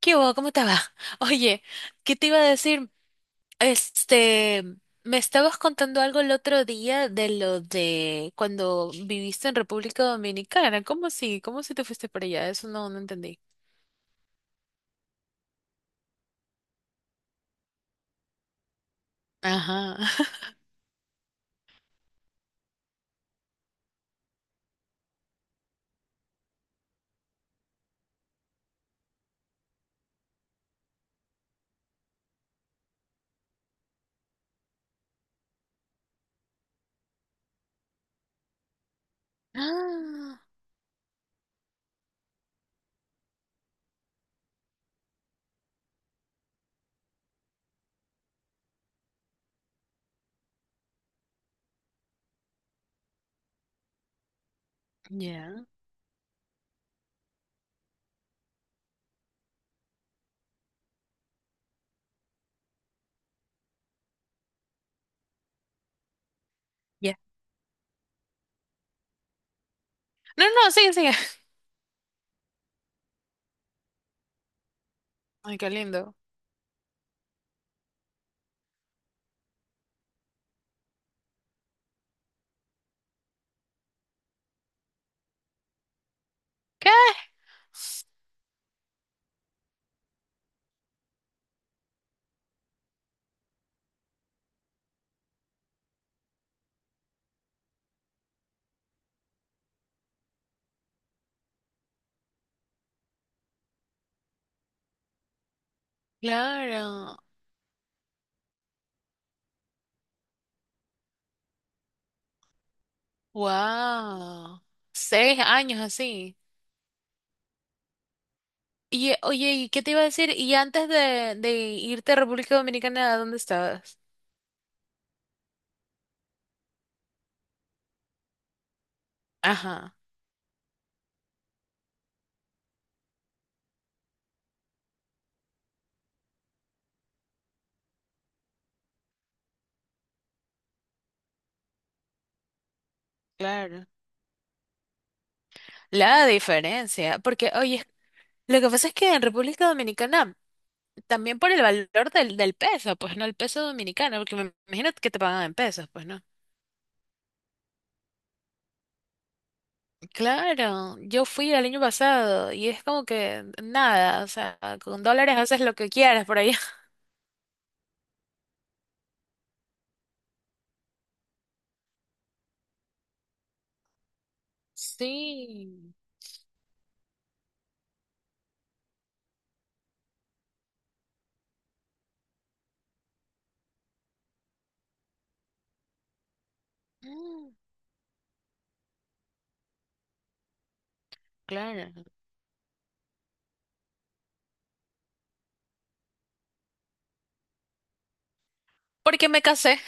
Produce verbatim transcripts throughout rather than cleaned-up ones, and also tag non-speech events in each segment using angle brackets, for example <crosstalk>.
¿Qué hubo? ¿Cómo te va? <laughs> Oye, ¿qué te iba a decir? Este, me estabas contando algo el otro día de lo de cuando viviste en República Dominicana. ¿Cómo así? ¿Cómo si te fuiste para allá? Eso no, no entendí. Ajá. <gasps> <laughs> Ah, ya. Ya. No, no, sigue, sigue. Ay, qué lindo. ¿Qué? Claro. Wow. Seis años así. Y eh, oye, ¿y qué te iba a decir? ¿Y antes de, de irte a República Dominicana, dónde estabas? Ajá. Claro, la diferencia, porque oye, lo que pasa es que en República Dominicana, también por el valor del, del peso, pues no el peso dominicano, porque me imagino que te pagan en pesos, pues no. Claro, yo fui el año pasado y es como que nada, o sea, con dólares haces lo que quieras por allá. Sí, <laughs> Mm. Claro, porque me casé.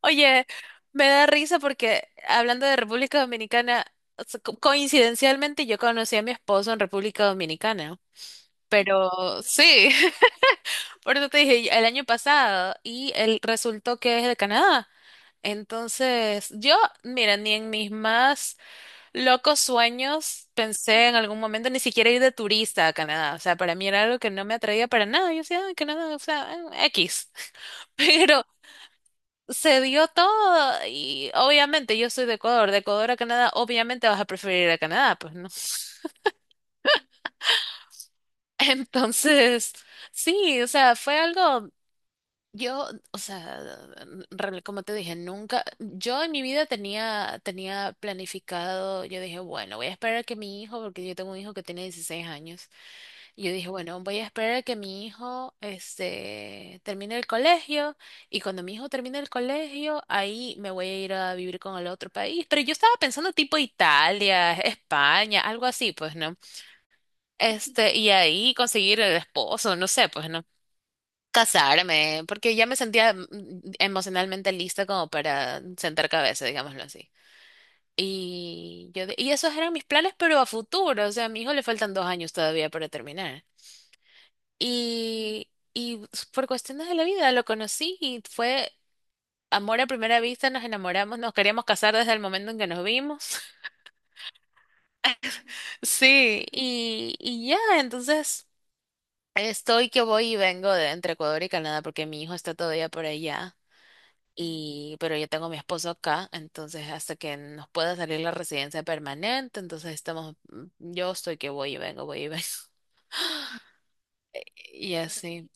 Oye, me da risa porque hablando de República Dominicana, o sea, co- coincidencialmente yo conocí a mi esposo en República Dominicana, pero sí, <laughs> por eso te dije el año pasado y él resultó que es de Canadá. Entonces, yo, mira, ni en mis más locos sueños pensé en algún momento ni siquiera ir de turista a Canadá. O sea, para mí era algo que no me atraía para nada. Yo decía, "Ay, Canadá, o sea, eh, X." <laughs> Pero se dio todo y obviamente yo soy de Ecuador, de Ecuador a Canadá, obviamente vas a preferir a Canadá, pues no. <laughs> Entonces, sí, o sea, fue algo, yo, o sea, real- como te dije, nunca, yo en mi vida tenía, tenía planificado, yo dije, bueno, voy a esperar a que mi hijo, porque yo tengo un hijo que tiene dieciséis años. Y yo dije, bueno, voy a esperar a que mi hijo este, termine el colegio, y cuando mi hijo termine el colegio, ahí me voy a ir a vivir con el otro país. Pero yo estaba pensando tipo Italia, España, algo así, pues, ¿no? Este, y ahí conseguir el esposo, no sé, pues, ¿no? Casarme, porque ya me sentía mm, mm, emocionalmente lista como para sentar cabeza, digámoslo así. Y yo, de- y esos eran mis planes, pero a futuro, o sea, a mi hijo le faltan dos años todavía para terminar. Y, y por cuestiones de la vida lo conocí y fue amor a primera vista, nos enamoramos, nos queríamos casar desde el momento en que nos vimos. <laughs> Sí, y, y ya, entonces estoy que voy y vengo de entre Ecuador y Canadá porque mi hijo está todavía por allá. Y, pero yo tengo a mi esposo acá, entonces hasta que nos pueda salir la residencia permanente, entonces estamos, mm, yo estoy que voy y vengo, voy y vengo. <laughs> Y así.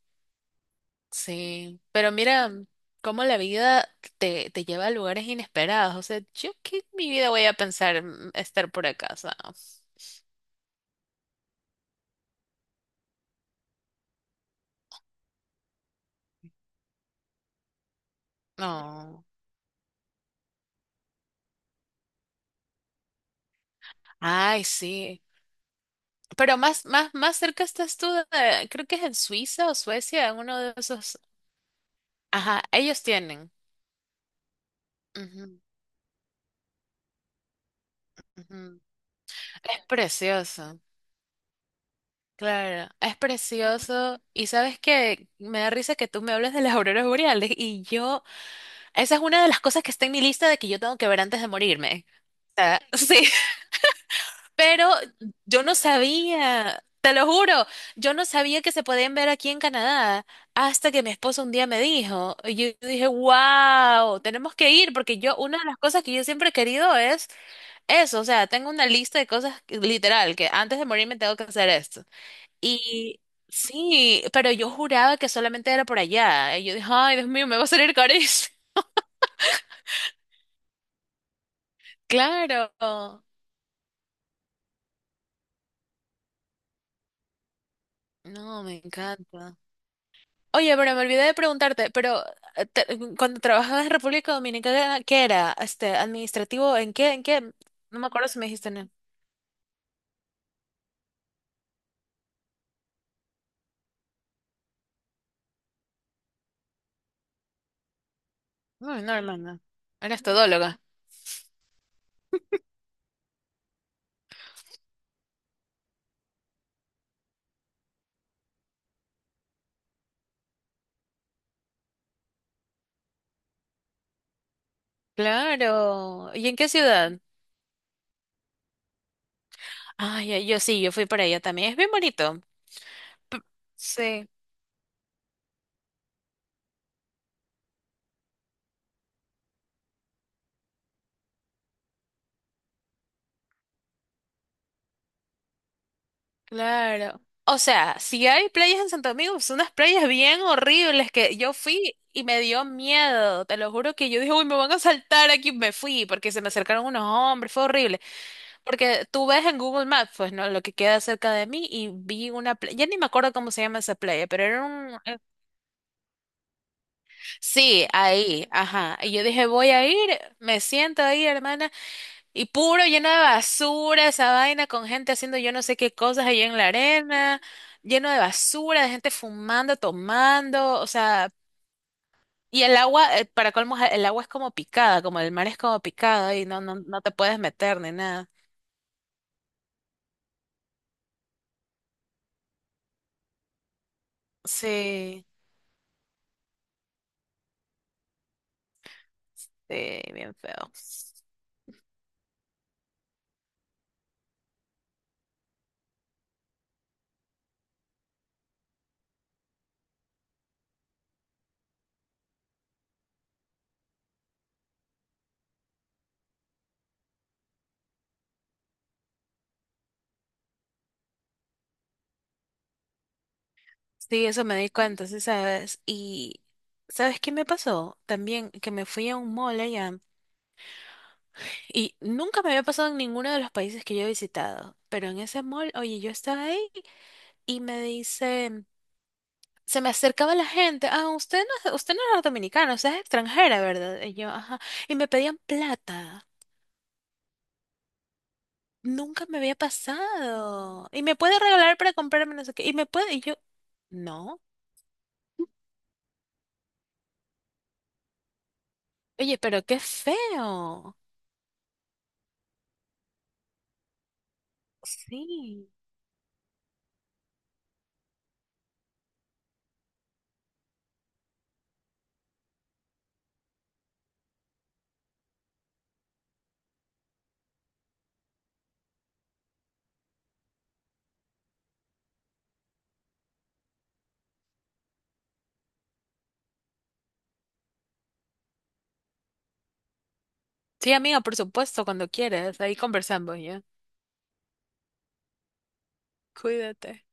Sí, pero mira, mm, cómo la vida te, te lleva a lugares inesperados. O sea, yo qué en mi vida voy a pensar, mm, estar por acá, o sea, no. Ay, sí. Pero más, más, más cerca estás tú, de- creo que es en Suiza o Suecia, en uno de esos. Ajá, ellos tienen. Ujú, ujú. Es precioso. Claro, es precioso. Y sabes que me da risa que tú me hables de las auroras boreales y yo. Esa es una de las cosas que está en mi lista de que yo tengo que ver antes de morirme. O sea, <laughs> sí, pero yo no sabía, te lo juro, yo no sabía que se podían ver aquí en Canadá hasta que mi esposo un día me dijo. Y yo dije, wow, tenemos que ir porque yo, una de las cosas que yo siempre he querido es eso. O sea, tengo una lista de cosas que- literal que antes de morirme tengo que hacer esto. Y sí, pero yo juraba que solamente era por allá. Y yo dije, ay, Dios mío, me va a salir carísimo. <laughs> Claro. No, me encanta. Oye, pero me olvidé de preguntarte, pero eh, te- mm, cuando trabajabas en República Dominicana, ¿qué era? Este, administrativo, ¿en qué? ¿En qué? No me acuerdo si me dijiste. No, no, no, hermana. Eras todóloga. Claro. ¿Y en qué ciudad? Ay, ay, yo sí, yo fui para allá también. Es bien bonito. P- Sí. Claro. O sea, si hay playas en Santo Domingo, son unas playas bien horribles que yo fui y me dio miedo. Te lo juro que yo dije, uy, me van a saltar aquí. Me fui porque se me acercaron unos hombres, fue horrible. Porque tú ves en Google Maps, pues, ¿no? Lo que queda cerca de mí y vi una playa, ya ni me acuerdo cómo se llama esa playa, pero era un. eh, Sí, ahí, ajá. Y yo dije, voy a ir, me siento ahí, hermana. Y puro lleno de basura, esa vaina con gente haciendo yo no sé qué cosas allí en la arena, lleno de basura, de gente fumando, tomando, o sea, y el agua, eh, para colmo, el agua es como picada, como el mar es como picado y no, no, no te puedes meter ni nada. Sí, sí, bien feo. Sí, eso me di cuenta, sí, sabes. Y, ¿sabes qué me pasó? También que me fui a un mall allá. Y nunca me había pasado en ninguno de los países que yo he visitado. Pero en ese mall, oye, yo estaba ahí. Y me dice, se me acercaba la gente, ah, usted no, es- usted no era dominicana, usted es extranjera, ¿verdad? Y yo, ajá, y me pedían plata. Nunca me había pasado. Y me puede regalar para comprarme no sé qué. Y me puede, y yo, no. Oye, pero qué feo. Sí. Sí, amiga, por supuesto, cuando quieras, ahí conversamos ya. Cuídate.